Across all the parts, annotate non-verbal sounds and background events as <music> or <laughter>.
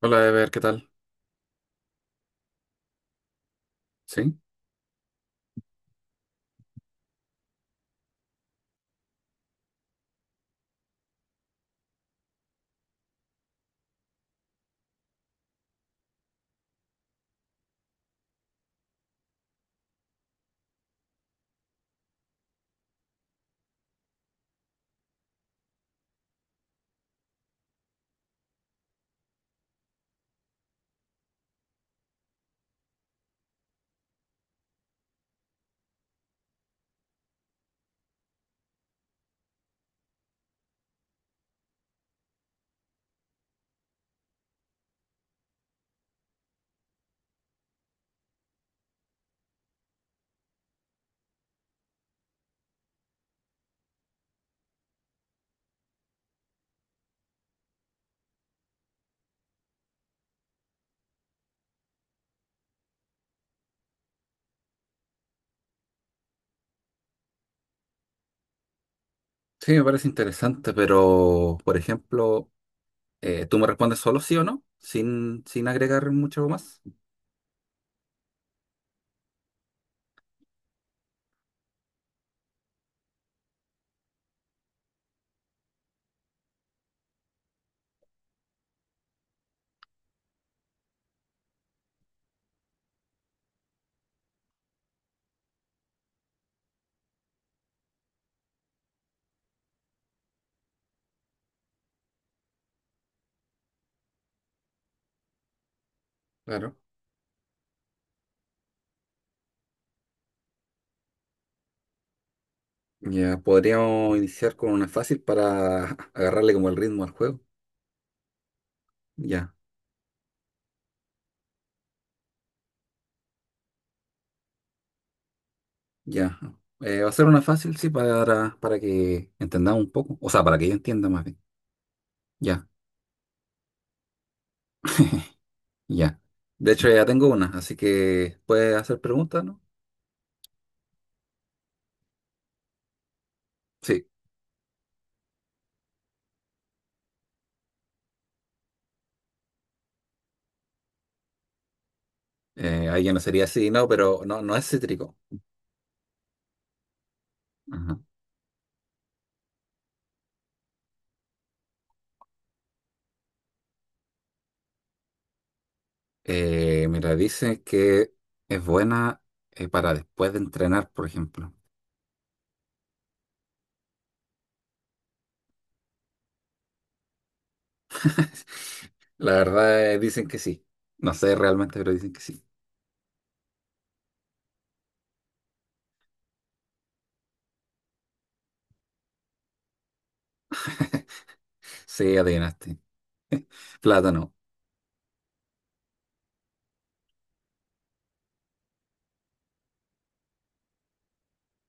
Hola, Ever, ¿qué tal? Sí, sí, me parece interesante, pero, por ejemplo, ¿tú me respondes solo sí o no? Sin agregar mucho más. Claro. Ya, podríamos iniciar con una fácil para <laughs> agarrarle como el ritmo al juego. Ya, ya. Va a ser una fácil, sí, para que entendamos un poco. O sea, para que yo entienda más bien. Ya, ya. De hecho, ya tengo una, así que puedes hacer preguntas, ¿no? Sí. Ahí ya no sería sí, no, pero no, no es cítrico. Mira, dice que es buena para después de entrenar, por ejemplo. <laughs> La verdad, dicen que sí. No sé realmente, pero dicen que sí. Sí, adivinaste. <laughs> Plátano.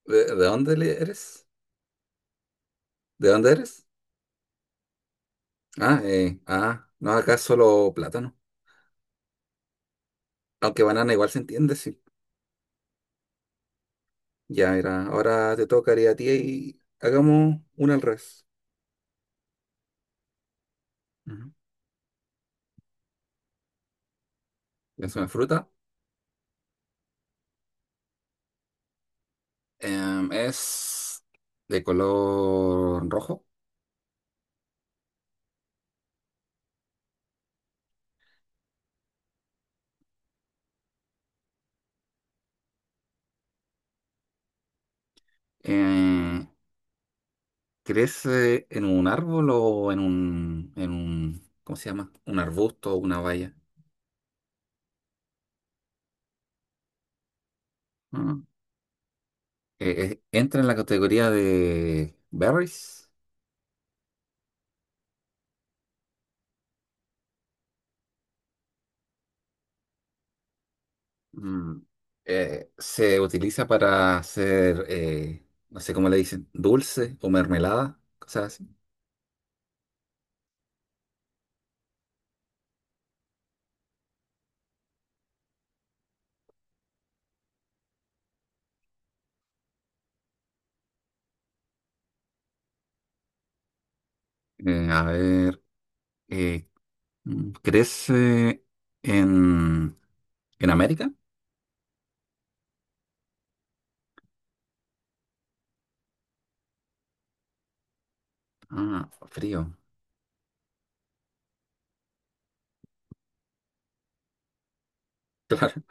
De dónde eres? ¿De dónde eres? Ah, no, acá solo plátano. Aunque banana igual se entiende, sí. Ya, mira, ahora te tocaría a ti y hagamos una al revés. Ujú. Es una fruta. Em, es de color rojo. Eh, ¿Crece en un árbol o en un, ¿cómo se llama? Un arbusto o una valla. Mm. ¿Entra en la categoría de berries? Mm. ¿Se utiliza para hacer, no sé cómo le dicen, dulce o mermelada? Cosas así. A ver, eh, mm, ¿crece en, en América? Ah, frío, <laughs> claro,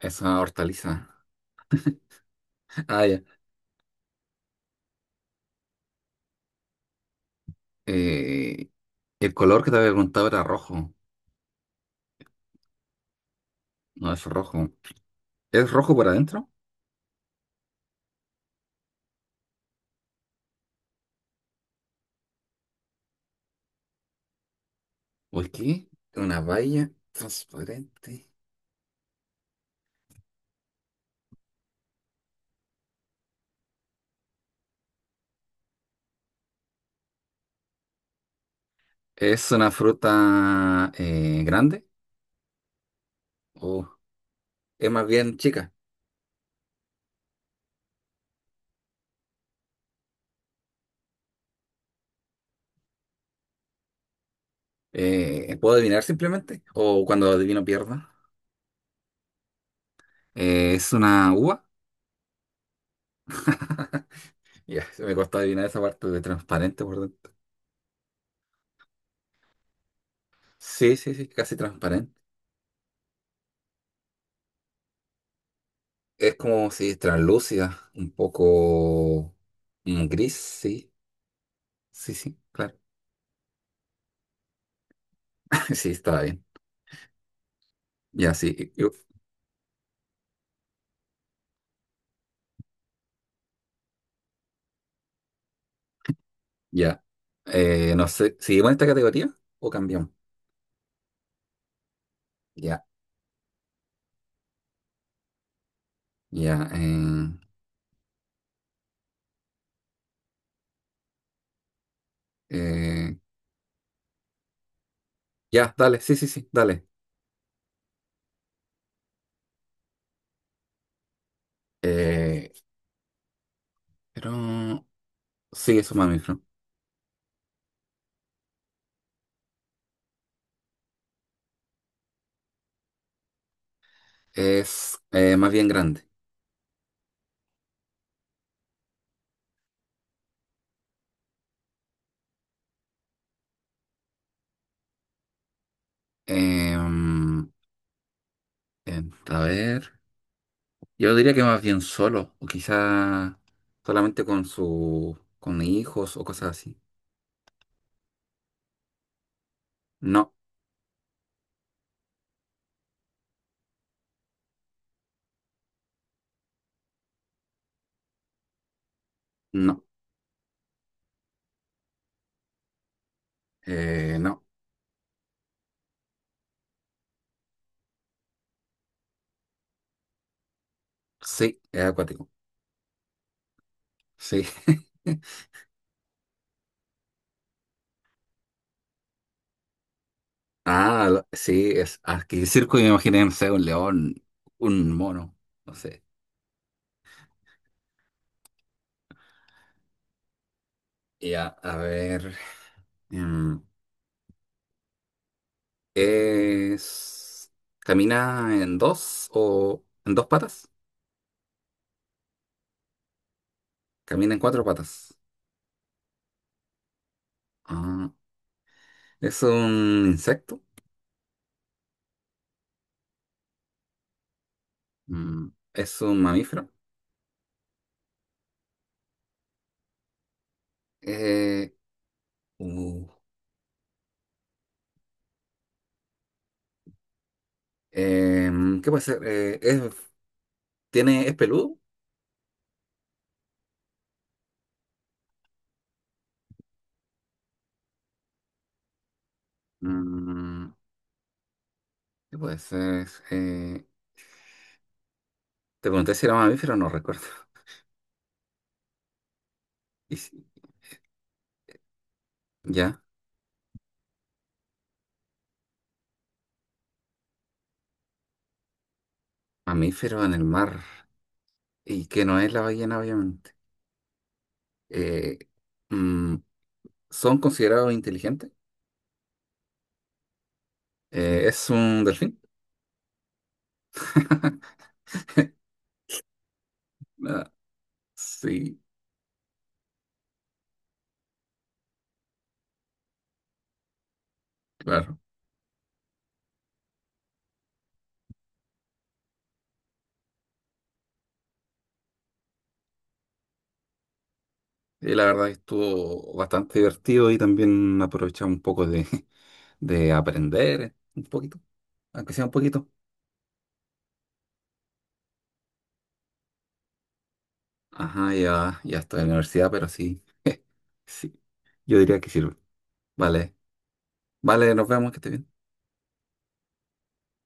es una hortaliza. <laughs> Ah, ya. Eh, el color que te había preguntado era rojo. No es rojo. ¿Es rojo por adentro? ¿O es qué? Una baya transparente. ¿Es una fruta grande? ¿O es más bien chica? ¿Puedo adivinar simplemente? ¿O cuando adivino pierdo? ¿Es una uva? Ya, se me costó adivinar esa parte de transparente por dentro. Sí, sí, sí, casi transparente. Es como si es translúcida, un poco mm, gris, sí. Sí, sí, claro. Sí, está bien. Ya, sí. Ya. No sé, ¿seguimos en esta categoría o cambiamos? Ya, ya. Eh, ya, dale, sí, sí, sí, dale. Eh, pero sí, es un mamífero. Es más bien grande. Eh, a ver, yo diría que más bien solo, o quizá solamente con su, con hijos o cosas así. No, no, no. Sí, es acuático. Sí. <laughs> Ah, sí, es aquí circo y me imaginé, no sé, un león, un mono, no sé. Ya, a ver. Mm, es. ¿Camina en dos o en dos patas? Camina en cuatro patas. Ah, ¿es un insecto? Mm, ¿es un mamífero? Eh, uh, ¿Qué puede ser? ¿Es, tiene, es peludo? Mm, ¿qué puede ser? Te pregunté si era mamífero, no recuerdo. <laughs> Y sí, ya. Mamíferos en el mar y que no es la ballena, obviamente. Eh, mm, ¿Son considerados inteligentes? ¿Es un delfín? <laughs> Ah, sí, claro. Y la verdad que estuvo bastante divertido y también aprovechamos un poco de, <laughs> de aprender un poquito, aunque sea un poquito. Ajá, ya, ya estoy en la universidad, pero sí, <laughs> sí, yo diría que sirve. Vale, vale, nos vemos, que esté bien.